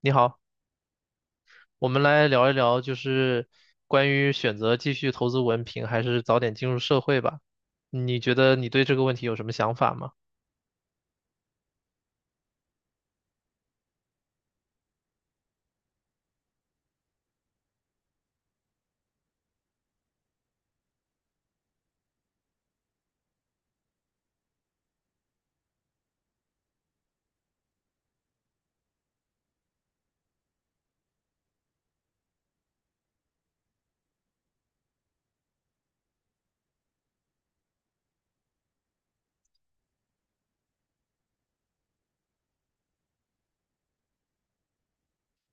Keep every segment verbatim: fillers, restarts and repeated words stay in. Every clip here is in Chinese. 你好，我们来聊一聊，就是关于选择继续投资文凭还是早点进入社会吧。你觉得你对这个问题有什么想法吗？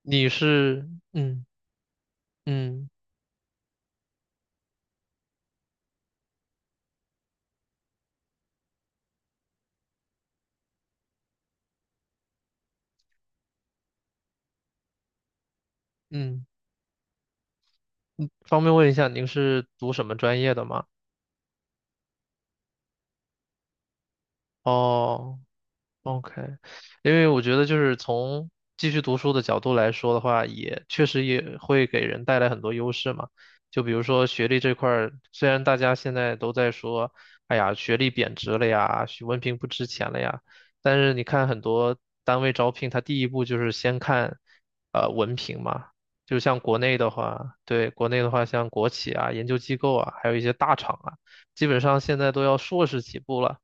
你是，嗯嗯嗯，方便问一下您是读什么专业的吗？哦，OK，因为我觉得就是从继续读书的角度来说的话，也确实也会给人带来很多优势嘛。就比如说学历这块儿，虽然大家现在都在说，哎呀，学历贬值了呀，学文凭不值钱了呀，但是你看很多单位招聘，它第一步就是先看呃文凭嘛。就像国内的话，对，国内的话，像国企啊、研究机构啊，还有一些大厂啊，基本上现在都要硕士起步了。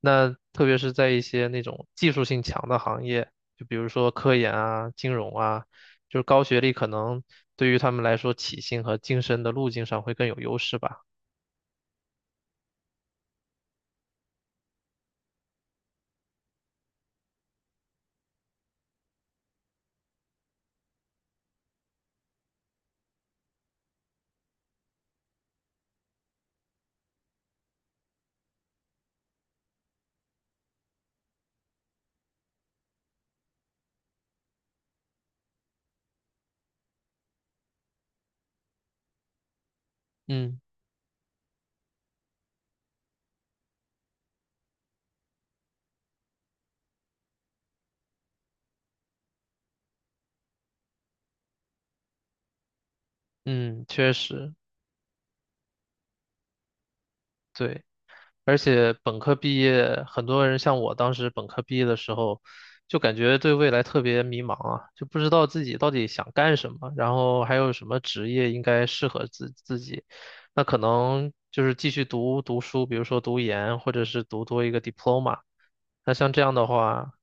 那特别是在一些那种技术性强的行业，就比如说科研啊、金融啊，就是高学历可能对于他们来说，起薪和晋升的路径上会更有优势吧。嗯嗯，确实，对。而且本科毕业，很多人像我当时本科毕业的时候，就感觉对未来特别迷茫啊，就不知道自己到底想干什么，然后还有什么职业应该适合自自己。那可能就是继续读读书，比如说读研，或者是读多一个 diploma。那像这样的话，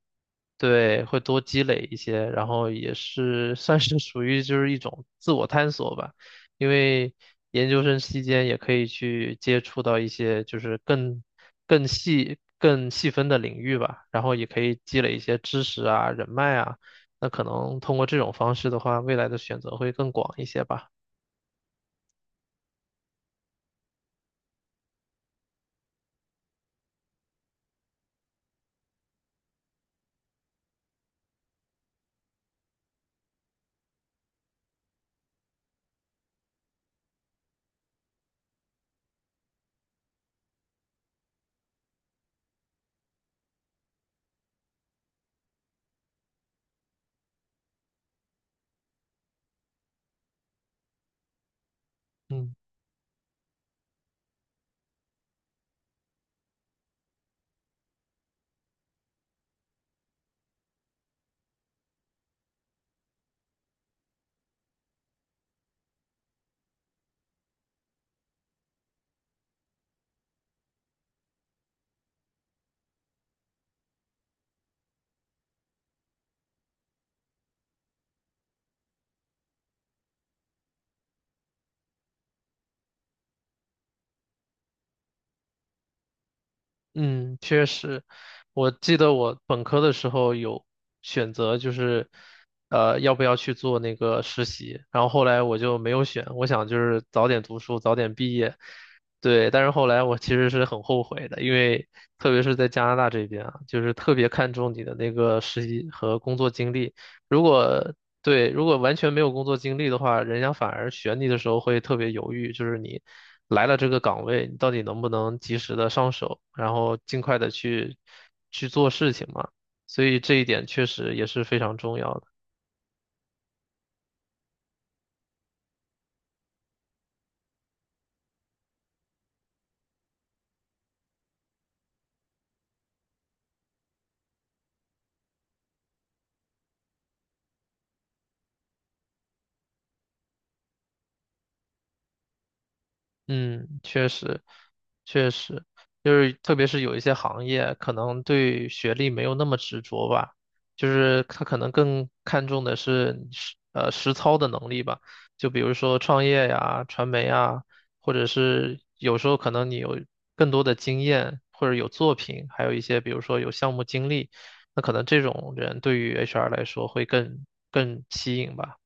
对，会多积累一些，然后也是算是属于就是一种自我探索吧，因为研究生期间也可以去接触到一些就是更更细更细分的领域吧，然后也可以积累一些知识啊、人脉啊，那可能通过这种方式的话，未来的选择会更广一些吧。嗯。嗯，确实，我记得我本科的时候有选择，就是呃要不要去做那个实习，然后后来我就没有选，我想就是早点读书，早点毕业，对，但是后来我其实是很后悔的，因为特别是在加拿大这边啊，就是特别看重你的那个实习和工作经历，如果对，如果完全没有工作经历的话，人家反而选你的时候会特别犹豫，就是你来了这个岗位，你到底能不能及时的上手，然后尽快的去去做事情嘛。所以这一点确实也是非常重要的。嗯，确实，确实，就是特别是有一些行业，可能对学历没有那么执着吧，就是他可能更看重的是你实呃实操的能力吧，就比如说创业呀、传媒啊，或者是有时候可能你有更多的经验，或者有作品，还有一些比如说有项目经历，那可能这种人对于 H R 来说会更更吸引吧。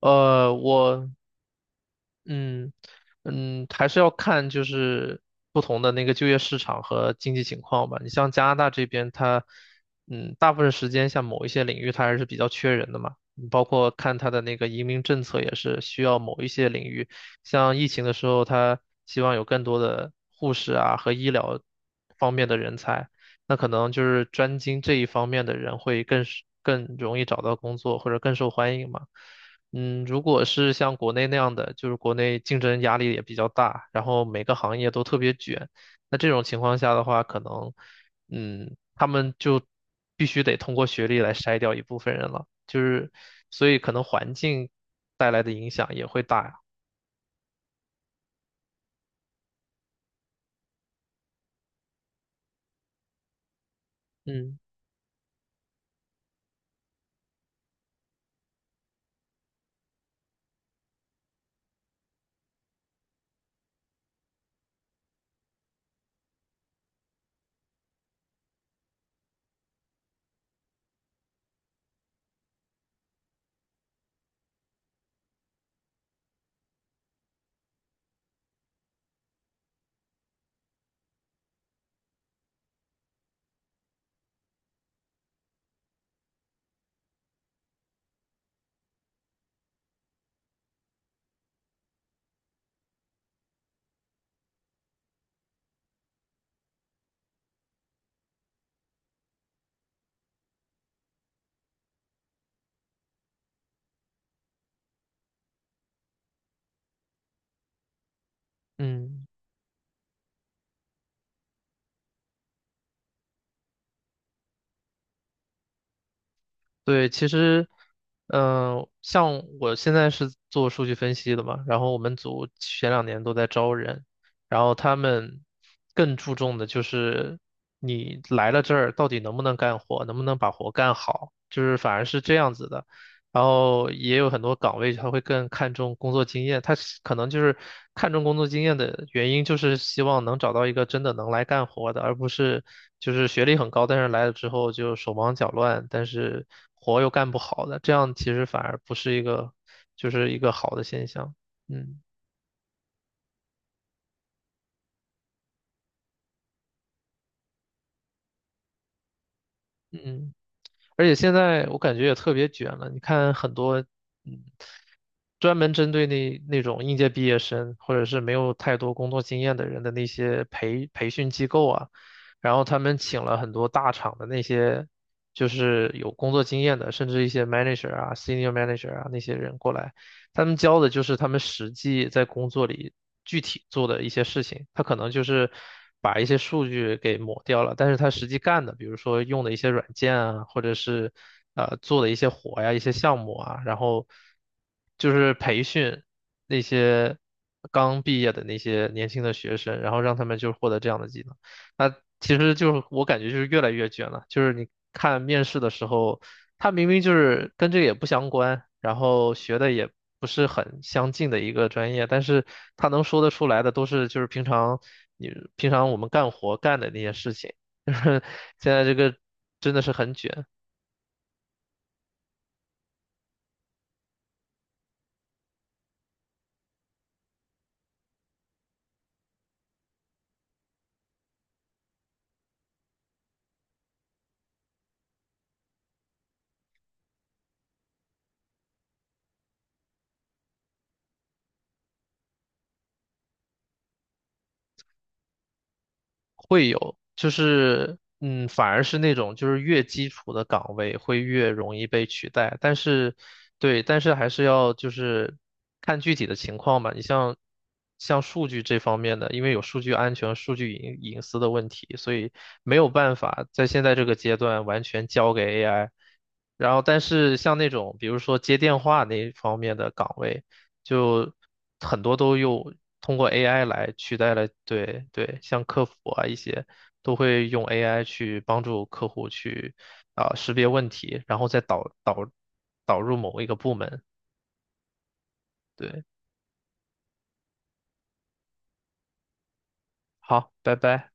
呃，我嗯嗯，还是要看就是不同的那个就业市场和经济情况吧。你像加拿大这边，它嗯大部分时间像某一些领域它还是比较缺人的嘛，你包括看它的那个移民政策也是需要某一些领域，像疫情的时候，它希望有更多的护士啊和医疗方面的人才，那可能就是专精这一方面的人会更是更容易找到工作或者更受欢迎嘛。嗯，如果是像国内那样的，就是国内竞争压力也比较大，然后每个行业都特别卷，那这种情况下的话，可能，嗯，他们就必须得通过学历来筛掉一部分人了，就是，所以可能环境带来的影响也会大呀。嗯嗯。对，其实，嗯、像我现在是做数据分析的嘛，然后我们组前两年都在招人，然后他们更注重的就是你来了这儿到底能不能干活，能不能把活干好，就是反而是这样子的。然后也有很多岗位他会更看重工作经验，他是可能就是看重工作经验的原因，就是希望能找到一个真的能来干活的，而不是就是学历很高，但是来了之后就手忙脚乱，但是活又干不好的，这样其实反而不是一个就是一个好的现象。嗯嗯，而且现在我感觉也特别卷了，你看很多。嗯。专门针对那那种应届毕业生或者是没有太多工作经验的人的那些培培训机构啊，然后他们请了很多大厂的那些就是有工作经验的，甚至一些 manager 啊、senior manager 啊那些人过来，他们教的就是他们实际在工作里。具体做的一些事情，他可能就是把一些数据给抹掉了，但是他实际干的，比如说用的一些软件啊，或者是呃做的一些活呀、一些项目啊，然后就是培训那些刚毕业的那些年轻的学生，然后让他们就获得这样的技能。那其实就是我感觉就是越来越卷了，就是你看面试的时候。他明明就是跟这个也不相关，然后学的也不是很相近的一个专业，但是他能说得出来的都是就是平常你平常我们干活干的那些事情，就是现在这个真的是很卷。会有，就是嗯，反而是那种就是越基础的岗位会越容易被取代，但是对，但是还是要就是看具体的情况吧。你像像数据这方面的，因为有数据安全、数据隐隐私的问题，所以没有办法在现在这个阶段完全交给 A I。然后，但是像那种比如说接电话那一方面的岗位。就很多都用通过 A I 来取代了，对对，像客服啊一些都会用 A I 去帮助客户去啊、识别问题，然后再导导导入某一个部门。对，好，拜拜。